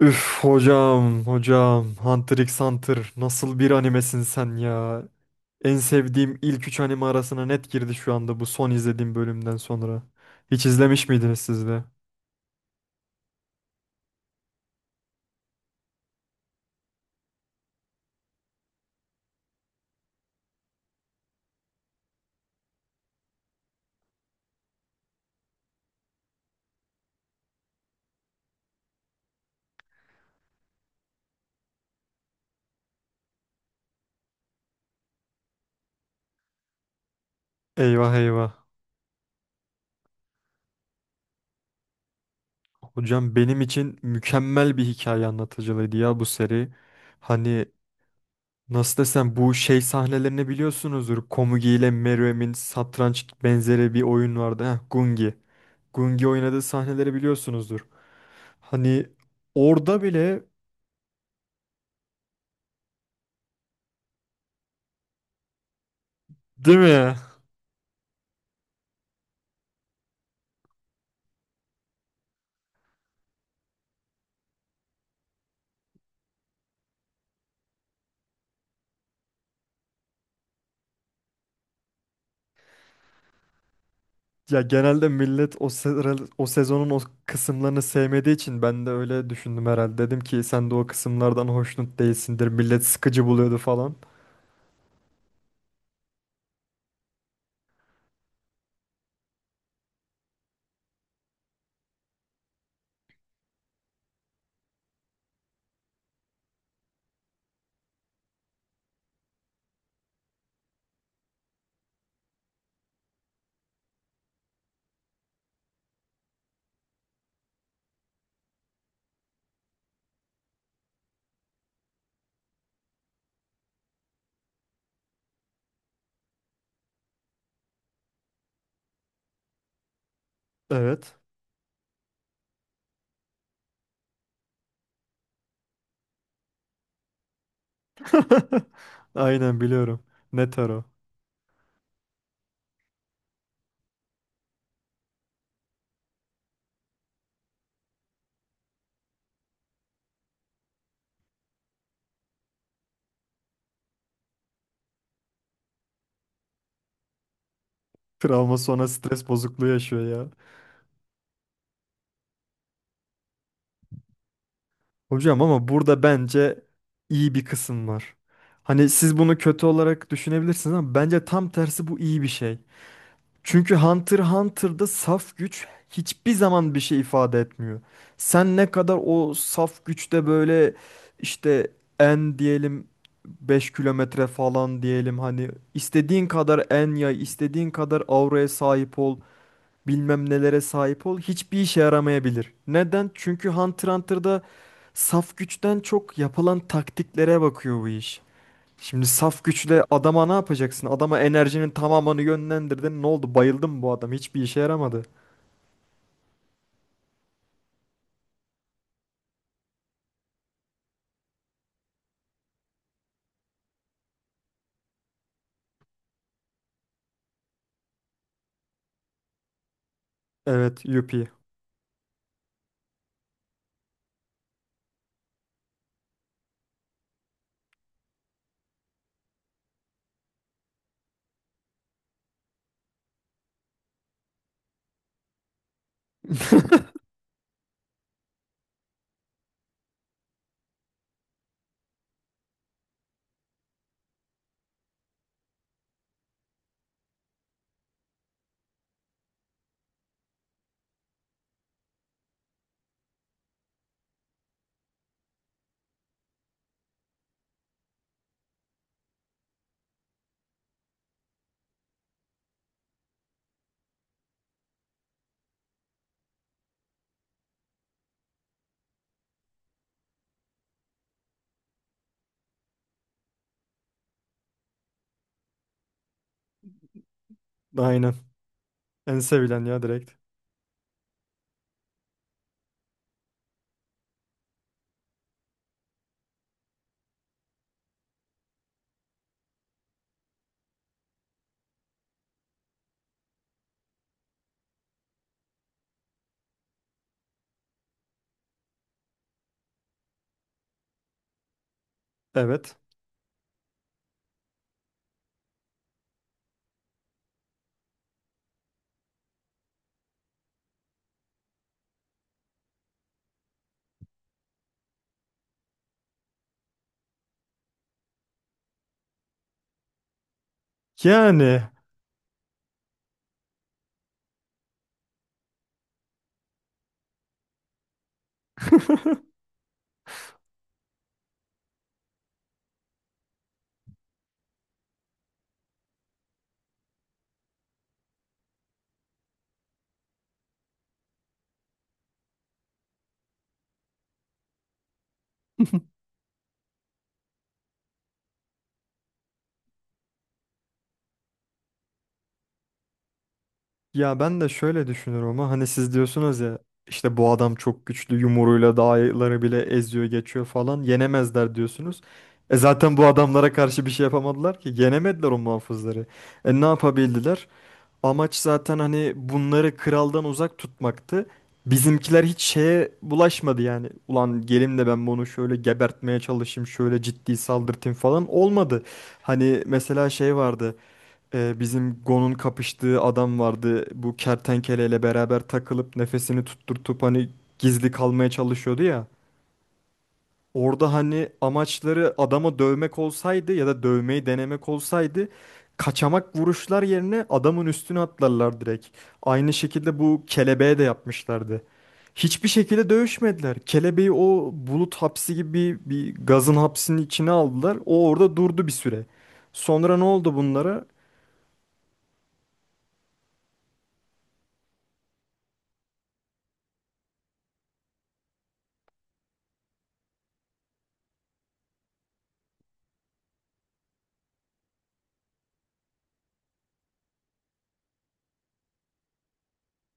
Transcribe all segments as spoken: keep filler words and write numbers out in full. Üf hocam hocam Hunter x Hunter nasıl bir animesin sen ya. En sevdiğim ilk üç anime arasına net girdi şu anda bu son izlediğim bölümden sonra. Hiç izlemiş miydiniz siz de? Eyvah eyvah. Hocam benim için mükemmel bir hikaye anlatıcılığıydı ya bu seri. Hani nasıl desem bu şey sahnelerini biliyorsunuzdur. Komugi ile Meruem'in satranç benzeri bir oyun vardı. Heh, Gungi. Gungi oynadığı sahneleri biliyorsunuzdur. Hani orada bile değil mi? Ya genelde millet o, se- o sezonun o kısımlarını sevmediği için ben de öyle düşündüm herhalde. Dedim ki sen de o kısımlardan hoşnut değilsindir. Millet sıkıcı buluyordu falan. Evet. Aynen biliyorum. Netaro. Travma sonra stres bozukluğu yaşıyor ya. Hocam ama burada bence iyi bir kısım var. Hani siz bunu kötü olarak düşünebilirsiniz ama bence tam tersi bu iyi bir şey. Çünkü Hunter x Hunter'da saf güç hiçbir zaman bir şey ifade etmiyor. Sen ne kadar o saf güçte böyle işte en diyelim beş kilometre falan diyelim hani istediğin kadar en yay, istediğin kadar auraya sahip ol, bilmem nelere sahip ol hiçbir işe yaramayabilir. Neden? Çünkü Hunter x Hunter'da saf güçten çok yapılan taktiklere bakıyor bu iş. Şimdi saf güçle adama ne yapacaksın? Adama enerjinin tamamını yönlendirdin. Ne oldu? Bayıldım mı bu adam. Hiçbir işe yaramadı. Evet, Yuppie. Aynen. En sevilen ya direkt. Evet. Yani. Ya ben de şöyle düşünüyorum ama hani siz diyorsunuz ya işte bu adam çok güçlü yumruğuyla dağları bile eziyor geçiyor falan yenemezler diyorsunuz. E zaten bu adamlara karşı bir şey yapamadılar ki yenemediler o muhafızları. E ne yapabildiler? Amaç zaten hani bunları kraldan uzak tutmaktı. Bizimkiler hiç şeye bulaşmadı yani. Ulan gelim de ben bunu şöyle gebertmeye çalışayım, şöyle ciddi saldırtayım falan olmadı. Hani mesela şey vardı. Ee, bizim Gon'un kapıştığı adam vardı. Bu kertenkeleyle beraber takılıp nefesini tutturtup hani gizli kalmaya çalışıyordu ya. Orada hani amaçları adama dövmek olsaydı ya da dövmeyi denemek olsaydı kaçamak vuruşlar yerine adamın üstüne atlarlar direkt. Aynı şekilde bu kelebeğe de yapmışlardı. Hiçbir şekilde dövüşmediler. Kelebeği o bulut hapsi gibi bir, bir gazın hapsinin içine aldılar. O orada durdu bir süre. Sonra ne oldu bunlara?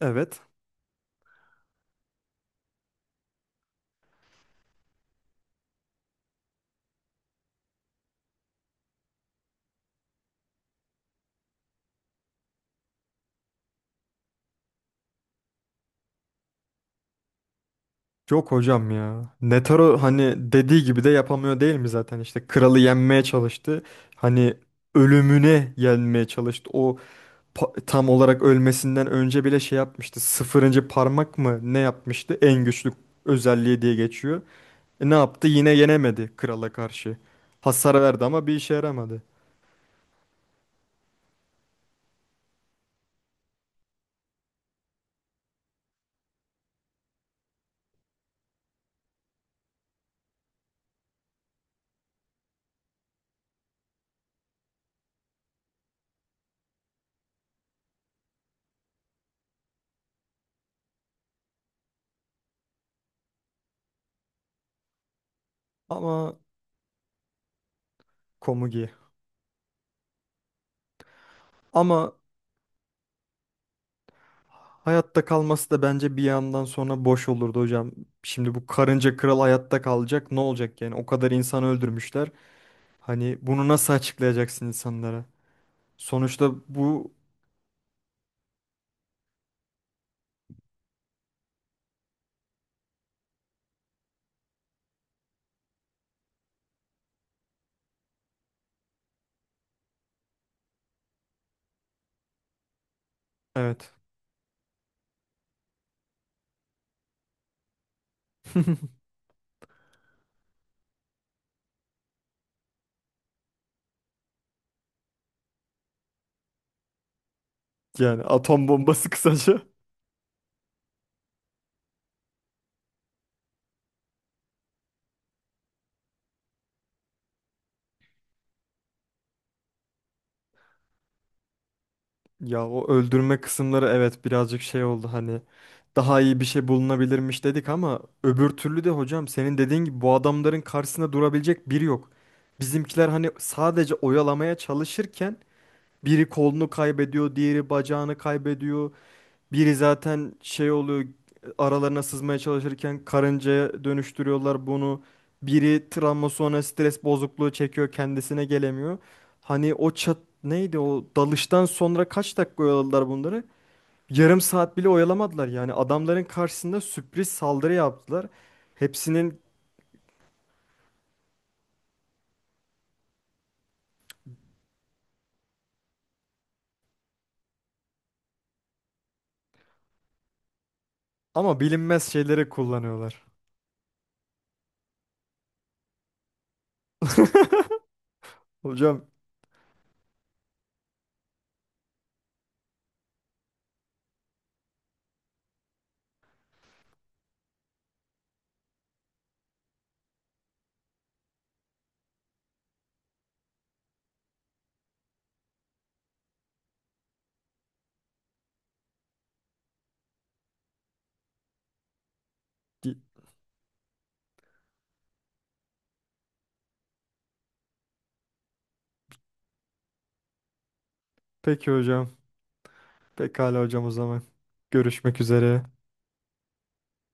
Evet. Yok hocam ya. Netaro hani dediği gibi de yapamıyor değil mi zaten? İşte kralı yenmeye çalıştı. Hani ölümüne yenmeye çalıştı. O pa- tam olarak ölmesinden önce bile şey yapmıştı. Sıfırıncı parmak mı ne yapmıştı? En güçlü özelliği diye geçiyor. E ne yaptı? Yine yenemedi krala karşı. Hasar verdi ama bir işe yaramadı. Ama Komugi. Ama hayatta kalması da bence bir yandan sonra boş olurdu hocam. Şimdi bu karınca kral hayatta kalacak ne olacak yani? O kadar insan öldürmüşler. Hani bunu nasıl açıklayacaksın insanlara? Sonuçta bu evet. Yani atom bombası kısaca. Ya o öldürme kısımları evet birazcık şey oldu hani daha iyi bir şey bulunabilirmiş dedik ama öbür türlü de hocam senin dediğin gibi bu adamların karşısında durabilecek biri yok. Bizimkiler hani sadece oyalamaya çalışırken biri kolunu kaybediyor, diğeri bacağını kaybediyor. Biri zaten şey oluyor, aralarına sızmaya çalışırken karıncaya dönüştürüyorlar bunu. Biri travma sonra stres bozukluğu çekiyor, kendisine gelemiyor. Hani o çat neydi o dalıştan sonra kaç dakika oyaladılar bunları? Yarım saat bile oyalamadılar yani adamların karşısında sürpriz saldırı yaptılar. Hepsinin ama bilinmez şeyleri kullanıyorlar. Hocam peki hocam. Pekala hocam o zaman. Görüşmek üzere.